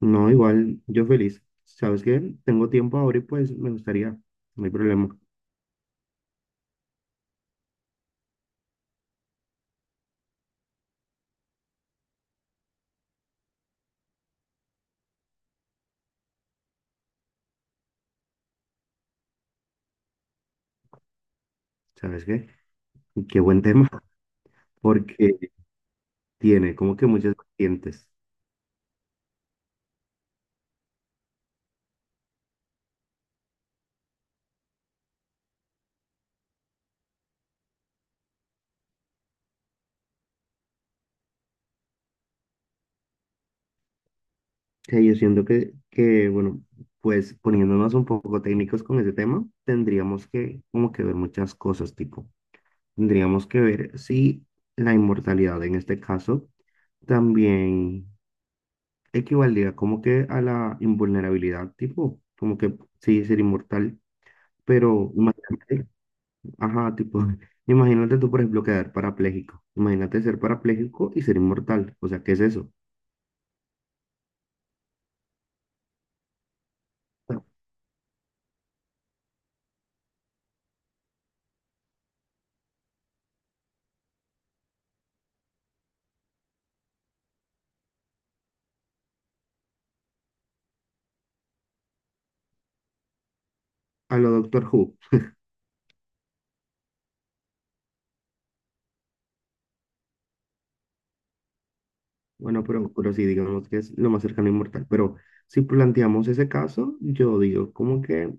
No, igual, yo feliz. ¿Sabes qué? Tengo tiempo ahora y pues me gustaría, no hay problema. ¿Sabes qué? Qué buen tema, porque tiene como que muchas vertientes. Que yo siento que, bueno, pues poniéndonos un poco técnicos con ese tema, tendríamos que como que ver muchas cosas, tipo, tendríamos que ver si la inmortalidad en este caso también equivaldría como que a la invulnerabilidad, tipo, como que sí, ser inmortal, pero imagínate. Ajá, tipo, imagínate tú, por ejemplo, quedar parapléjico. Imagínate ser parapléjico y ser inmortal. O sea, ¿qué es eso? A a lo Doctor Who. Bueno, pero sí, digamos que es lo más cercano a inmortal. Pero si planteamos ese caso, yo digo como que,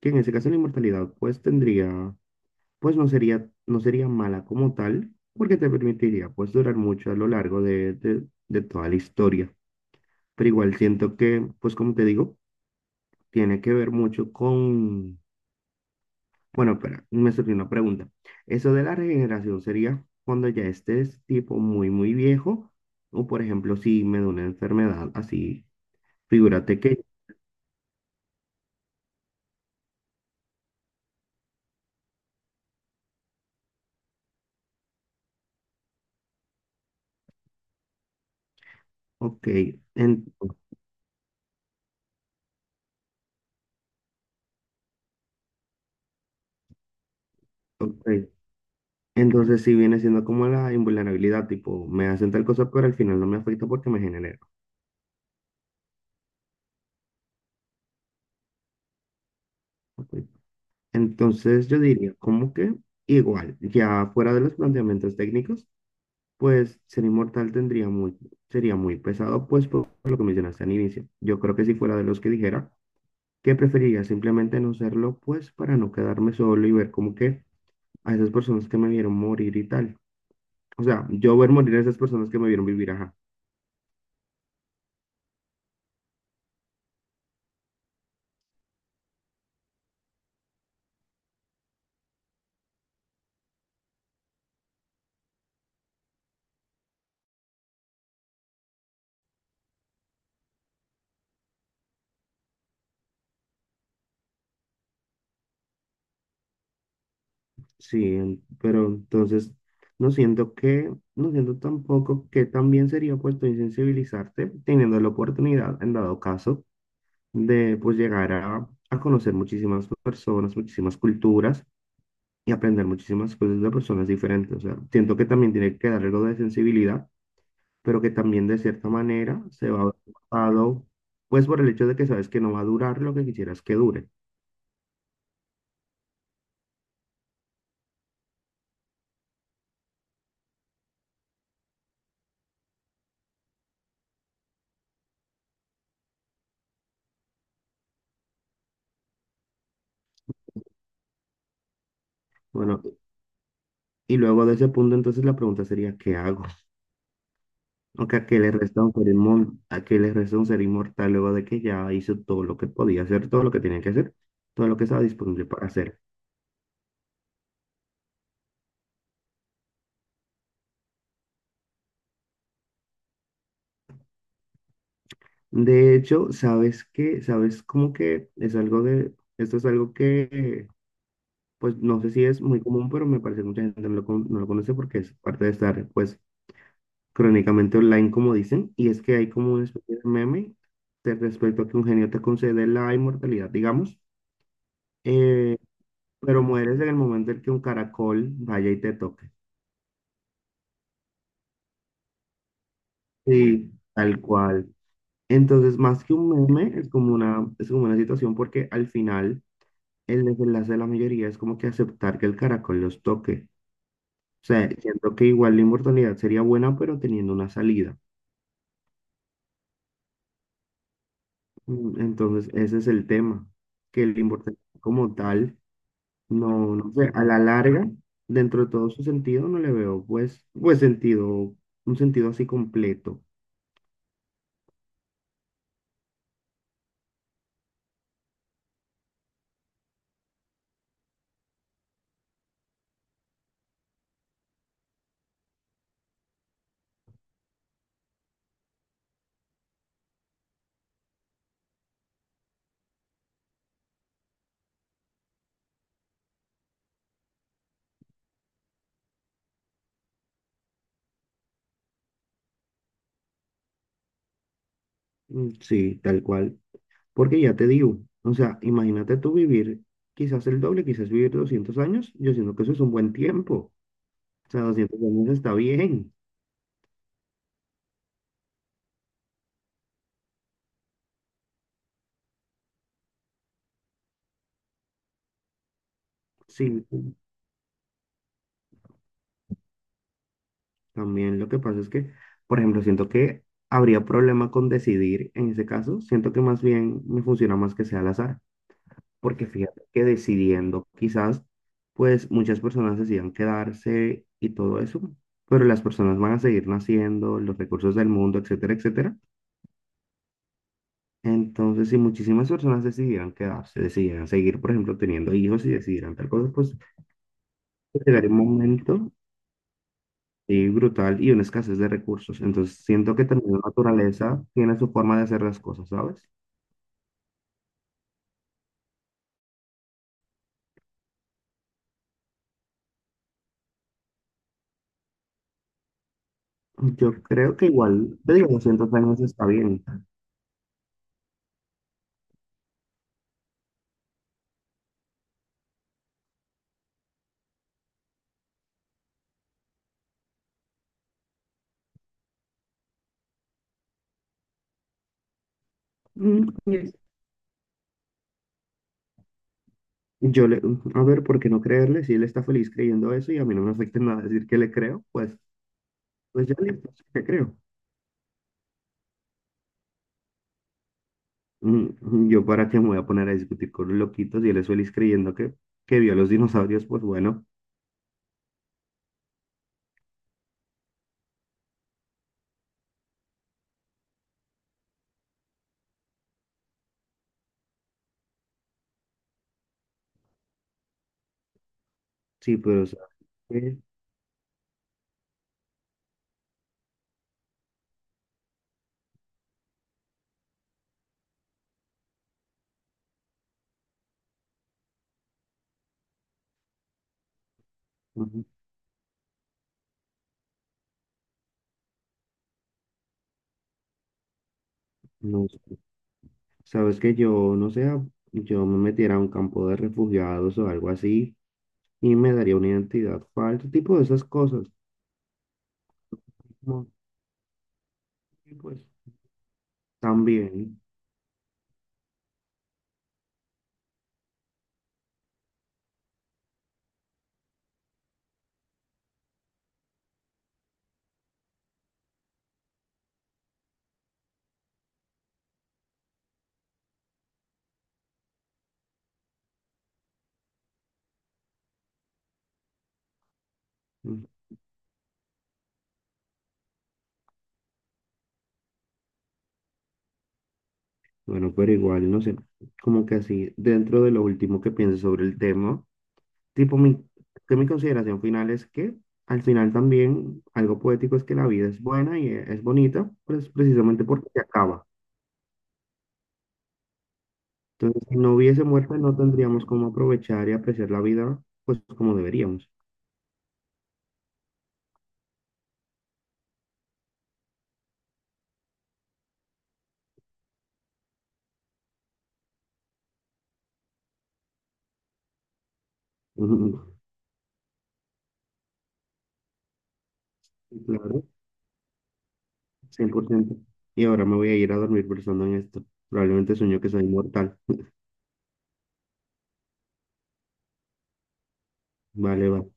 que en ese caso la inmortalidad pues tendría, pues no sería mala como tal, porque te permitiría pues durar mucho a lo largo de toda la historia. Pero igual siento que, pues como te digo, tiene que ver mucho con. Bueno, espera, me surgió una pregunta. ¿Eso de la regeneración sería cuando ya estés tipo muy, muy viejo? O por ejemplo, si me da una enfermedad así, figúrate que, ok, en- ok, entonces si viene siendo como la invulnerabilidad, tipo, me hacen tal cosa, pero al final no me afecta porque me genera. Ok. Entonces yo diría, como que igual, ya fuera de los planteamientos técnicos, pues ser inmortal tendría muy, sería muy pesado, pues por lo que mencionaste al inicio. Yo creo que si fuera de los que dijera que preferiría simplemente no serlo, pues para no quedarme solo y ver como que a esas personas que me vieron morir y tal. O sea, yo ver morir a esas personas que me vieron vivir, ajá. Sí, pero entonces no siento tampoco que también sería puesto insensibilizarte teniendo la oportunidad, en dado caso, de pues llegar a conocer muchísimas personas, muchísimas culturas y aprender muchísimas cosas de personas diferentes. O sea, siento que también tiene que dar algo de sensibilidad, pero que también de cierta manera se va a ver cortado, pues por el hecho de que sabes que no va a durar lo que quisieras que dure. Bueno, y luego de ese punto, entonces la pregunta sería, ¿qué hago? O que a qué le resta un ser inmortal, a qué le resta un ser inmortal luego de que ya hizo todo lo que podía hacer, todo lo que tenía que hacer, todo lo que estaba disponible para hacer. De hecho, sabes qué, sabes cómo que es algo de, esto es algo que pues no sé si es muy común, pero me parece que mucha gente no lo conoce porque es parte de estar, pues, crónicamente online, como dicen, y es que hay como una especie de meme de respecto a que un genio te concede la inmortalidad, digamos, eh, pero mueres en el momento en que un caracol vaya y te toque. Sí, tal cual. Entonces, más que un meme, es como una situación porque al final el desenlace de la mayoría es como que aceptar que el caracol los toque. O sea, siento que igual la inmortalidad sería buena, pero teniendo una salida. Entonces, ese es el tema, que el importante como tal, no, no sé, a la larga, dentro de todo su sentido, no le veo, pues, sentido, un sentido así completo. Mm, sí, tal cual. Porque ya te digo, o sea, imagínate tú vivir quizás el doble, quizás vivir 200 años, yo siento que eso es un buen tiempo. O sea, 200 años está bien. Sí, también lo que pasa es que, por ejemplo, siento que habría problema con decidir en ese caso. Siento que más bien me funciona más que sea al azar, porque fíjate que decidiendo quizás, pues muchas personas decidan quedarse y todo eso, pero las personas van a seguir naciendo, los recursos del mundo, etcétera, etcétera. Entonces, si muchísimas personas decidieran quedarse, decidieran seguir, por ejemplo, teniendo hijos y decidieran tal cosa, pues llegaría un momento y brutal y una escasez de recursos. Entonces, siento que también la naturaleza tiene su forma de hacer las cosas, ¿sabes? Yo creo que igual, yo digo, 200 años está bien. Mm, yes. Yo le, a ver, ¿por qué no creerle? Si él está feliz creyendo eso y a mí no me afecta en nada decir que le creo, pues, ya listo, sí que creo. Mm, yo para qué me voy a poner a discutir con los loquitos y él es feliz creyendo que vio a los dinosaurios, pues bueno, sí, pero ¿sabes qué? Mm. No. Sabes que yo, no sé, yo me metiera a un campo de refugiados o algo así y me daría una identidad falsa, tipo de esas cosas. Como, y pues también, mm, bueno, pero igual, no sé, como que así, dentro de lo último que pienso sobre el tema, tipo mi, que mi consideración final es que al final también algo poético es que la vida es buena y es bonita, pues precisamente porque se acaba. Entonces, si no hubiese muerte, no tendríamos cómo aprovechar y apreciar la vida, pues como deberíamos. Claro, cien por ciento. Y ahora me voy a ir a dormir pensando en esto. Probablemente sueño que soy inmortal. Vale, vale.